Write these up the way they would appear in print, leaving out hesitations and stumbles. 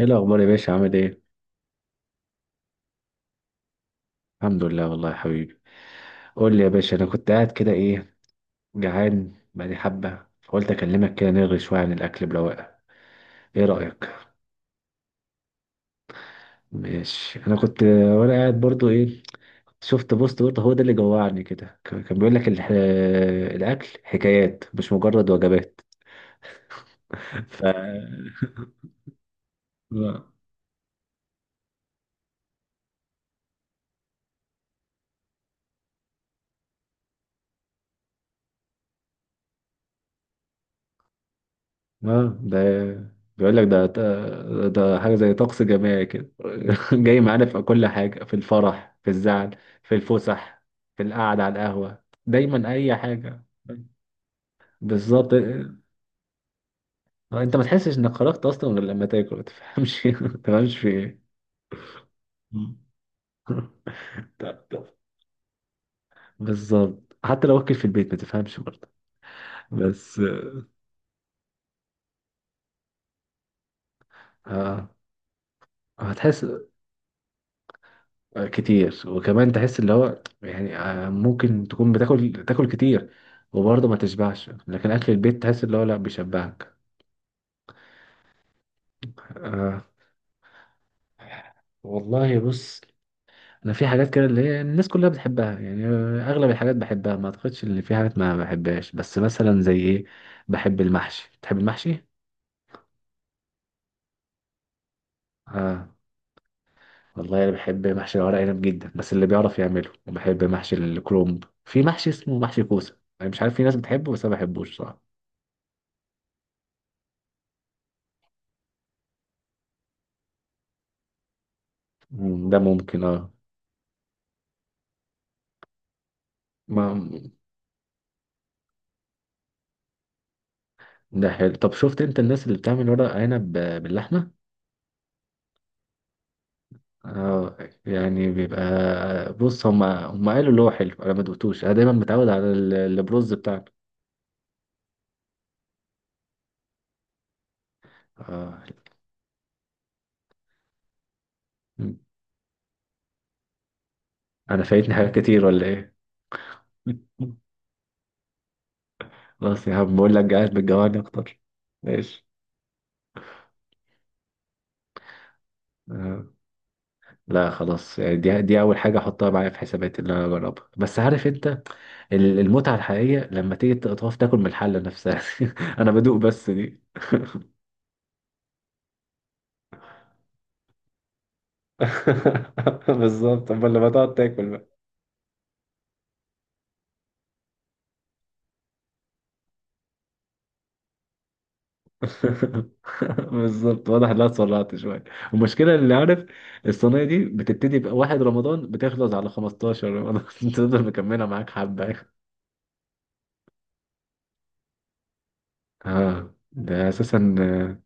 ايه الاخبار يا باشا؟ عامل ايه؟ الحمد لله والله يا حبيبي. قول لي يا باشا، انا كنت قاعد كده. ايه؟ جعان بقالي حبه، فقلت اكلمك كده نلغي شويه عن الاكل برواقه. ايه رايك؟ ماشي. انا كنت وانا قاعد برضو ايه؟ شفت بوست برضه، هو ده اللي جوعني كده. كان بيقول لك الاكل حكايات مش مجرد وجبات. ف اه، ده بيقول لك ده حاجة زي طقس جماعي كده. جاي معانا في كل حاجة، في الفرح، في الزعل، في الفسح، في القعدة على القهوة، دايما أي حاجة. بالظبط آه، انت ما تحسش انك خرجت اصلا غير لما تاكل، ما تفهمش ما تفهمش في ايه. مم. طب. بالظبط، حتى لو اكل في البيت ما تفهمش برضه. بس آه، هتحس كتير. وكمان تحس اللي هو يعني ممكن تكون بتاكل تاكل كتير وبرضه ما تشبعش، لكن اكل البيت تحس اللي هو لا، بيشبعك. آه والله، بص، انا في حاجات كده اللي هي الناس كلها بتحبها يعني اغلب الحاجات بحبها، ما اعتقدش ان في حاجات ما بحبهاش. بس مثلا زي ايه؟ بحب المحشي. بتحب المحشي؟ اه والله، انا بحب محشي الورق عنب جدا، بس اللي بيعرف يعمله. وبحب محشي الكرومب. في محشي اسمه محشي كوسه، انا مش عارف، في ناس بتحبه بس انا ما بحبوش صراحه. مم، ده ممكن اه. ما ده حلو. طب، شفت انت الناس اللي بتعمل ورق عنب باللحمه؟ اه، يعني بيبقى، بص، هم قالوا اللي هو حلو، انا ما دوقتوش، انا دايما متعود على البروز بتاعنا. اه. م. انا فايتني حاجات كتير ولا ايه؟ خلاص يا عم، بقول لك قاعد بتجوعني اكتر. ماشي. آه. لا خلاص، يعني دي اول حاجه احطها معايا في حساباتي اللي انا اجربها. بس عارف انت، المتعه الحقيقيه لما تيجي تقف تاكل من الحله نفسها. انا بدوق بس دي. بالظبط، امال لما تقعد تاكل بقى. بالظبط، واضح انها اتسرعت شويه. المشكله، اللي عارف، الصينيه دي بتبتدي بقى واحد رمضان، بتخلص على 15 رمضان. تفضل مكمله معاك حبه. اه، ده اساسا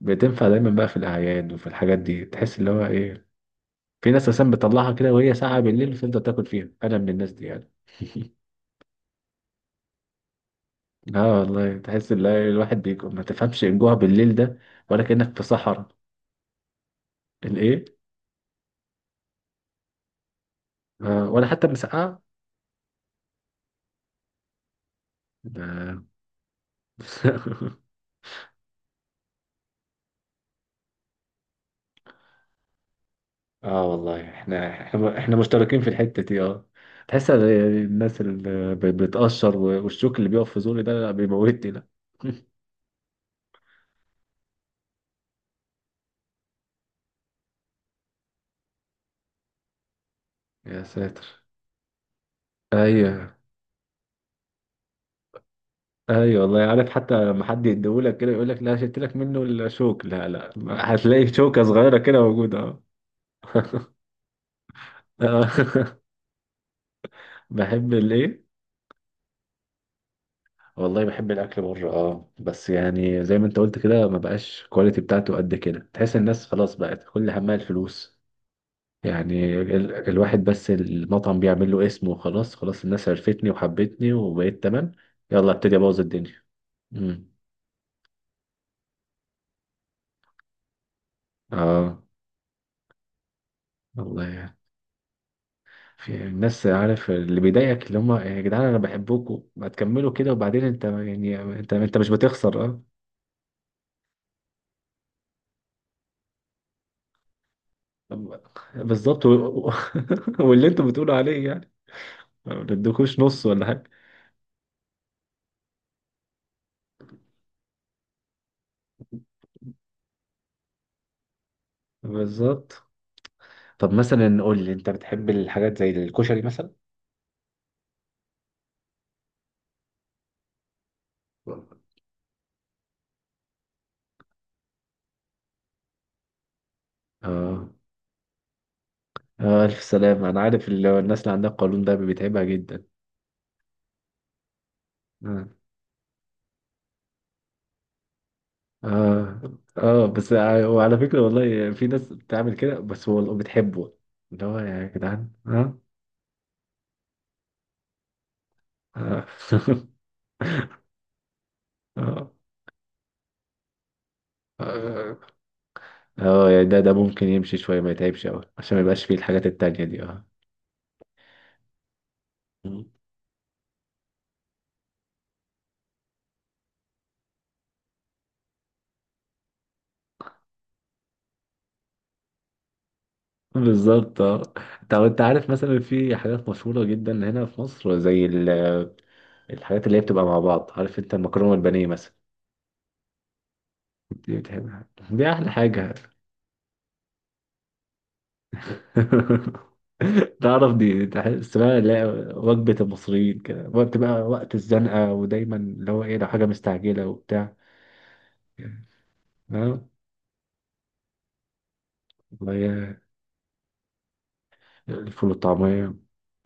بتنفع دايما بقى في الاعياد وفي الحاجات دي. تحس اللي هو ايه، في ناس اساسا بتطلعها كده وهي ساعه بالليل وتفضل تاكل فيها. انا من الناس دي يعني. اه والله، تحس ان الواحد بيكون ما تفهمش الجوع بالليل ده، ولا كانك في صحراء. الايه؟ ولا حتى مسقعه. آه. اه والله، احنا مشتركين في الحتة دي. اه، تحس إن الناس اللي بتقشر والشوك اللي بيقف في زوري ده، لا، بيموتني ده. يا ساتر. ايوه، ايوه والله عارف. حتى لما حد يديهولك كده يقول لك لا، شلت لك منه الشوك، لا، لا، هتلاقي شوكه صغيره كده موجوده. اه. آه. بحب الايه؟ والله، بحب الاكل بره اه، بس يعني زي ما انت قلت كده، ما بقاش الكواليتي بتاعته قد كده. تحس الناس خلاص بقت كل همها الفلوس. يعني الواحد بس المطعم بيعمل له اسم وخلاص، خلاص الناس عرفتني وحبتني وبقيت تمام. يلا، ابتدي ابوظ الدنيا. امم اه والله يعني. في الناس، عارف، اللي بيضايقك اللي هم يا جدعان انا بحبكم، ما تكملوا كده. وبعدين انت يعني انت مش بتخسر. اه، بالظبط. واللي انتوا بتقولوا عليه يعني ما بتدوكوش نص ولا حاجه. بالظبط. طب مثلا، قول لي، انت بتحب الحاجات زي الكشري مثلا؟ اه. ألف سلامة. أنا عارف الناس اللي عندها القولون ده بيتعبها جدا. آه. آه. آه. بس آه، وعلى فكرة والله، في ناس بتعمل كده بس هو بتحبه. اللي هو يا جدعان، آه. آه. آه. آه. يعني ده ممكن يمشي شوية، ما يتعبش أوي عشان ما يبقاش فيه الحاجات التانية دي. آه. مم. بالظبط. اه، طب انت عارف، مثلا في حاجات مشهورة جدا هنا في مصر زي الحاجات اللي هي بتبقى مع بعض، عارف انت، المكرونة والبانيه مثلا. دي بتحبها، دي احلى حاجة. تعرف، دي تحس بقى، لا، وجبة المصريين كده، وقت بقى، وقت الزنقة. ودايما اللي هو ايه، لو حاجة مستعجلة وبتاع. اه والله الفول والطعمية.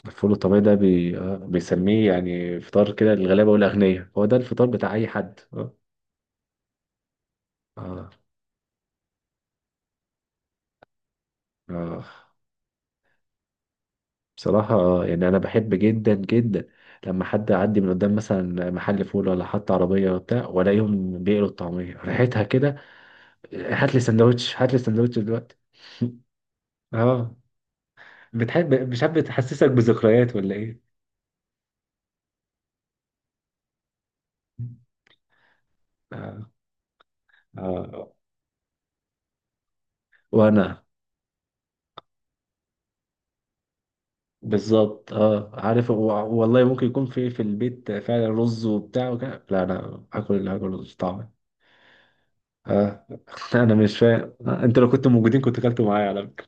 الفول والطعمية ده بي... آه، بيسميه يعني فطار كده للغلابة والأغنياء، هو ده الفطار بتاع أي حد. اه. اه. آه. بصراحة يعني أنا بحب جدا جدا لما حد يعدي من قدام، مثلا محل فول ولا حتى عربية وبتاع، وألاقيهم بيقلوا الطعمية، ريحتها كده، هات لي سندوتش، هات لي سندوتش دلوقتي. اه. بتحب، مش عارف، بتحسسك بذكريات ولا ايه؟ اه. اه وانا. بالظبط، اه، عارف والله ممكن يكون في البيت فعلا رز وبتاع وكده، لا، انا هاكل رز طعمه. اه. انا مش فاهم. انتوا لو كنتوا موجودين كنت اكلتوا معايا على فكره.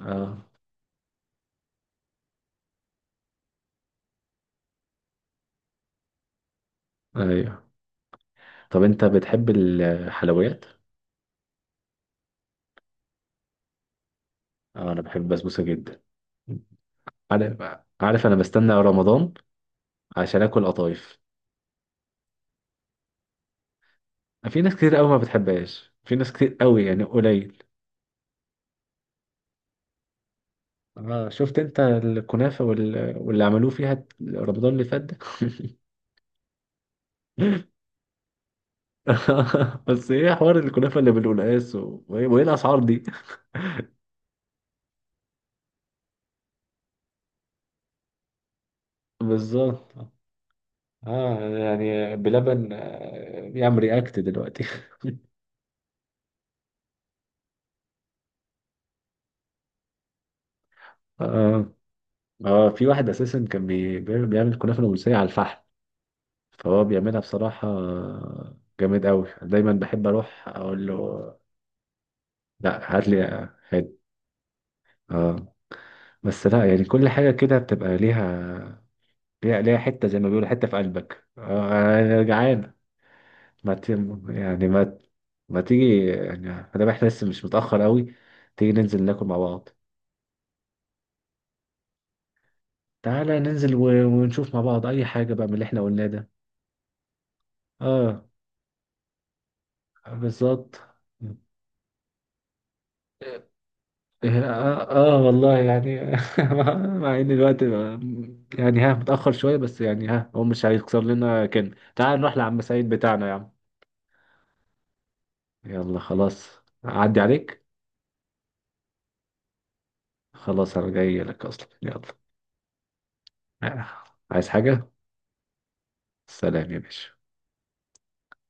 اه. ايوه. طب انت بتحب الحلويات؟ اه، انا بحب البسبوسه جدا. عارف، عارف، انا بستنى رمضان عشان اكل قطايف. في ناس كتير قوي ما بتحبهاش، في ناس كتير قوي يعني، قليل. اه، شفت انت الكنافة واللي عملوه فيها رمضان اللي فات ده؟ بس ايه حوار الكنافة اللي بالقلقاس، وإيه الاسعار دي. بالظبط. اه، يعني بلبن بيعمل رياكت دلوقتي. اه. اه، في واحد اساسا كان بيعمل كنافة نابلسية على الفحم، فهو بيعملها بصراحة جامد قوي. دايما بحب اروح اقول له، لا، هات لي، هات اه. بس لا، يعني كل حاجة كده بتبقى ليها، ليها حتة، زي ما بيقولوا، حتة في قلبك آه. أنا جعان. ما ت... يعني ما تيجي يعني، ما دام احنا لسه مش متأخر قوي، تيجي ننزل ناكل مع بعض. تعالى ننزل ونشوف مع بعض أي حاجة بقى من اللي احنا قلناه ده. اه، بالظبط. إيه، آه، اه والله يعني مع ان الوقت يعني، ها، متأخر شوية، بس يعني، ها، هو مش هيخسر لنا كان، تعال نروح لعم سعيد بتاعنا يا عم. يلا خلاص. أعدي عليك خلاص، أنا جاي لك أصلا. يلا. آه، عايز حاجة؟ سلام يا باشا.